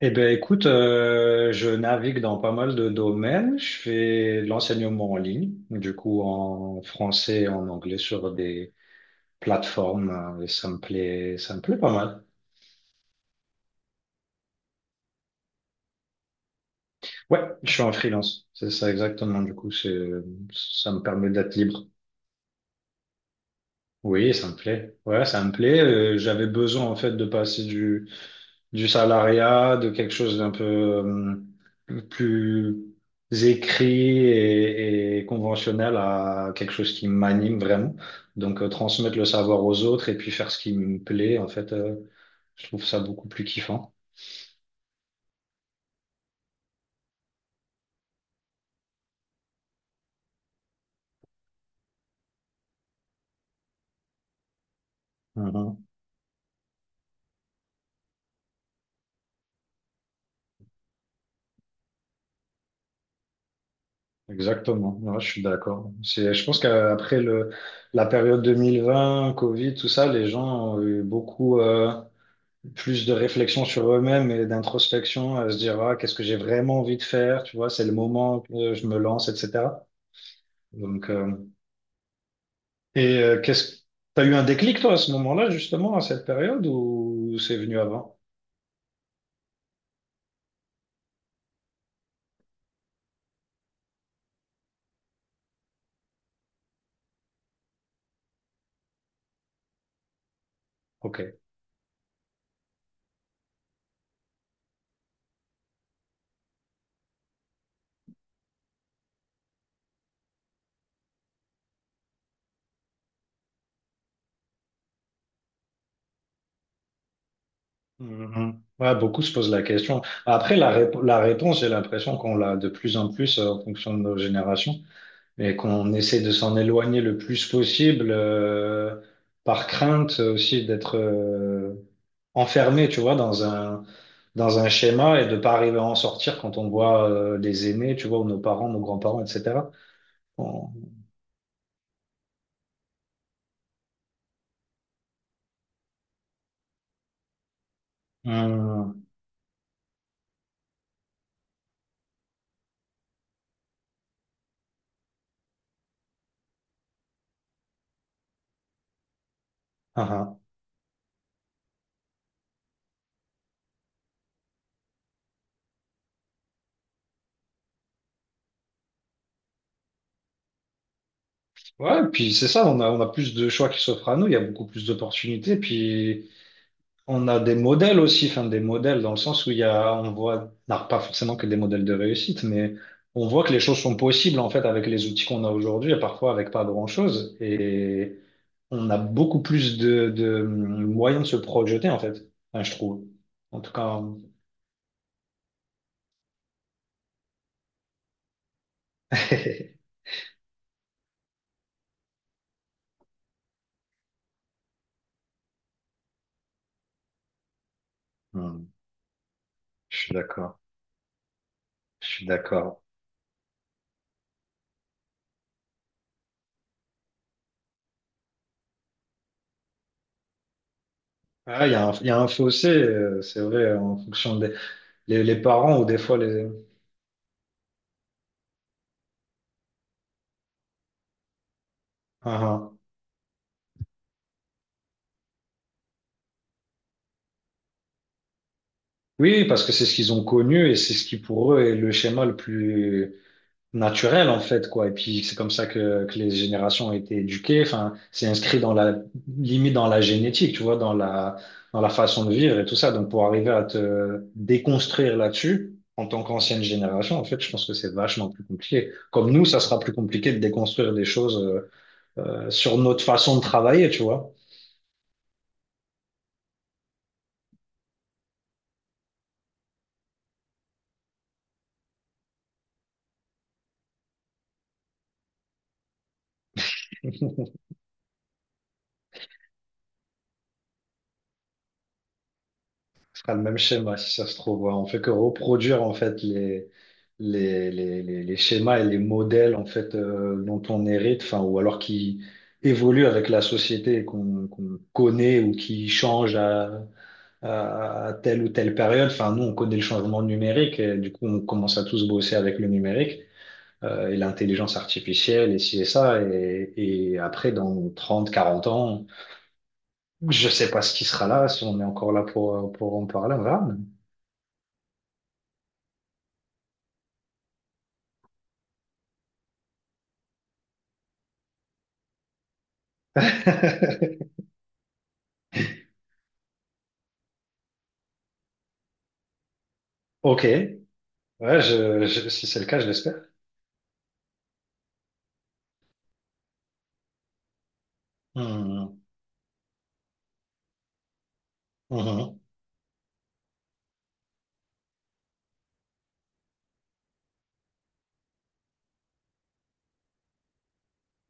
Eh bien, écoute, je navigue dans pas mal de domaines. Je fais de l'enseignement en ligne, du coup en français et en anglais sur des plateformes, hein, et ça me plaît pas mal. Ouais, je suis en freelance, c'est ça exactement. Du coup, ça me permet d'être libre. Oui, ça me plaît. Ouais, ça me plaît. J'avais besoin en fait de passer du salariat, de quelque chose d'un peu plus écrit et conventionnel à quelque chose qui m'anime vraiment. Donc transmettre le savoir aux autres et puis faire ce qui me plaît, en fait, je trouve ça beaucoup plus kiffant. Mhm. Exactement, ouais, je suis d'accord. Je pense qu'après la période 2020 Covid, tout ça, les gens ont eu beaucoup plus de réflexion sur eux-mêmes et d'introspection, à se dire, ah, qu'est-ce que j'ai vraiment envie de faire, tu vois, c'est le moment que je me lance, etc. Donc, et euh, qu'est-ce, t'as eu un déclic, toi, à ce moment-là, justement, à cette période, ou c'est venu avant? Ok. Mhm. Ouais, beaucoup se posent la question. Après, la réponse, j'ai l'impression qu'on l'a de plus en plus en fonction de nos générations, mais qu'on essaie de s'en éloigner le plus possible par crainte aussi d'être enfermé, tu vois, dans un schéma et de pas arriver à en sortir quand on voit les aînés, tu vois, ou nos parents, nos grands-parents, etc. On- on- Hum, ah, ah. Ouais, et puis c'est ça, on a plus de choix qui s'offrent à nous, il y a beaucoup plus d'opportunités, puis on a des modèles aussi, enfin des modèles dans le sens où il y a, on voit, non, pas forcément que des modèles de réussite, mais on voit que les choses sont possibles en fait avec les outils qu'on a aujourd'hui et parfois avec pas grand-chose. Et on a beaucoup plus de moyens de se projeter en fait. Enfin, je trouve. En tout cas, hmm, je suis d'accord, je suis d'accord. Ah, il y a un fossé, c'est vrai, en fonction des les parents ou des fois les. Ah, ah. Oui, parce que c'est ce qu'ils ont connu et c'est ce qui pour eux est le schéma le plus naturel en fait, quoi. Et puis c'est comme ça que les générations ont été éduquées, enfin c'est inscrit dans la limite dans la génétique, tu vois, dans la façon de vivre et tout ça. Donc pour arriver à te déconstruire là-dessus en tant qu'ancienne génération, en fait je pense que c'est vachement plus compliqué. Comme nous, ça sera plus compliqué de déconstruire des choses, sur notre façon de travailler, tu vois. Ah, le même schéma, si ça se trouve. Ouais. On fait que reproduire en fait les schémas et les modèles en fait, dont on hérite, enfin, ou alors qui évoluent avec la société et qu'on connaît, ou qui changent à telle ou telle période. Enfin, nous, on connaît le changement numérique, et du coup, on commence à tous bosser avec le numérique et l'intelligence artificielle et ci et ça. Et après, dans 30-40 ans, je sais pas ce qui sera là, si on est encore là pour en parler, on verra. Ok, ouais, si c'est le cas, je l'espère. Mhm. Mhm.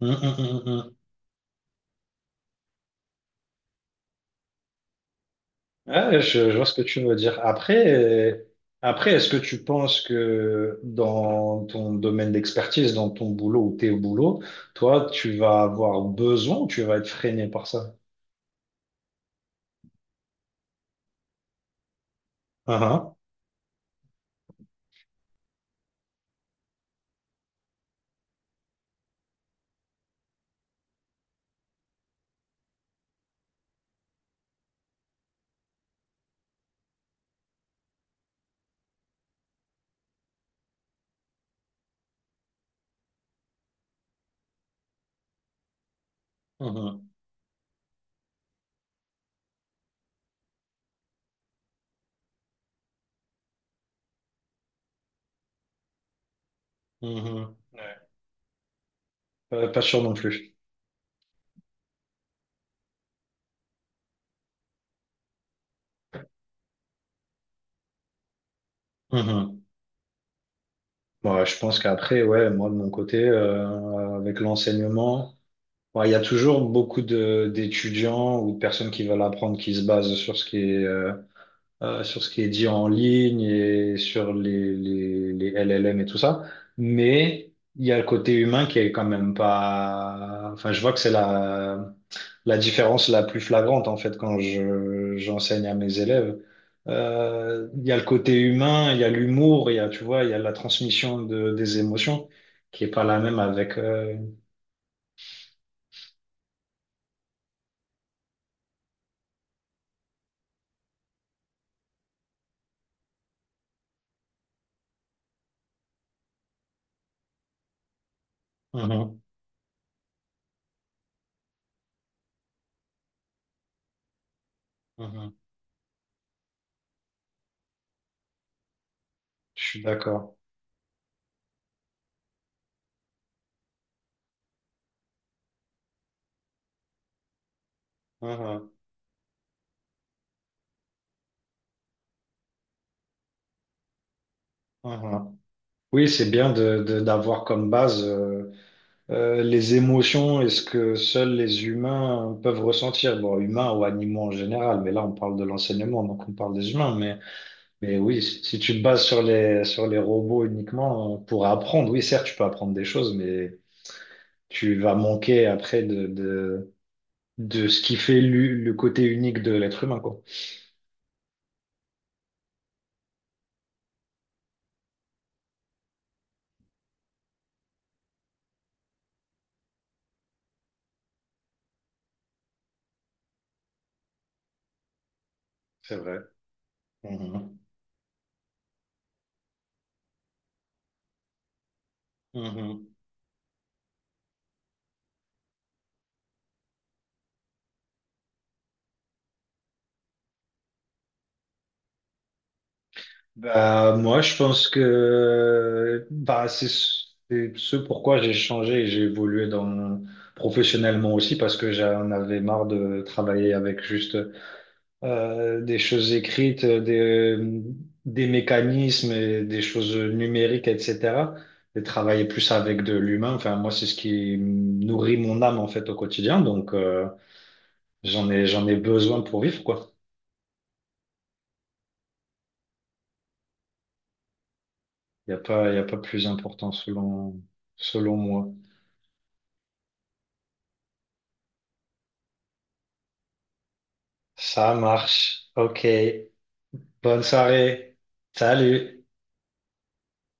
Mhm, mhm, mhm. Ouais, je vois ce que tu veux dire. Après, est-ce que tu penses que dans ton domaine d'expertise, dans ton boulot ou tes boulots, toi, tu vas avoir besoin ou tu vas être freiné par ça? Mhm. Mhm. Mhm. Ouais. Pas sûr non plus. Mhm. Ouais, je pense qu'après, ouais, moi de mon côté, avec l'enseignement. Ouais, il y a toujours beaucoup de d'étudiants ou de personnes qui veulent apprendre, qui se basent sur ce qui est sur ce qui est dit en ligne et sur les LLM et tout ça. Mais il y a le côté humain qui est quand même pas. Enfin, je vois que c'est la différence la plus flagrante en fait quand je j'enseigne à mes élèves. Il y a le côté humain, il y a l'humour, il y a, tu vois, il y a la transmission de des émotions qui est pas la même avec. Mhm. Mhm. Je suis d'accord. Mhm, mhm. Oui, c'est bien d'avoir comme base les émotions et ce que seuls les humains peuvent ressentir. Bon, humains ou animaux en général, mais là on parle de l'enseignement, donc on parle des humains. Mais oui, si tu te bases sur les robots uniquement pour apprendre, oui, certes, tu peux apprendre des choses, mais tu vas manquer après de ce qui fait le côté unique de l'être humain, quoi. C'est vrai. Mhm, mhm. Bah, moi, je pense que bah, c'est ce pourquoi j'ai changé et j'ai évolué dans professionnellement aussi, parce que j'en avais marre de travailler avec juste des choses écrites, des mécanismes et des choses numériques, etc. Et travailler plus avec de l'humain. Enfin, moi, c'est ce qui nourrit mon âme en fait au quotidien. Donc, j'en ai besoin pour vivre, quoi. Il y a pas plus important selon moi. Ça marche. OK. Bonne soirée. Salut.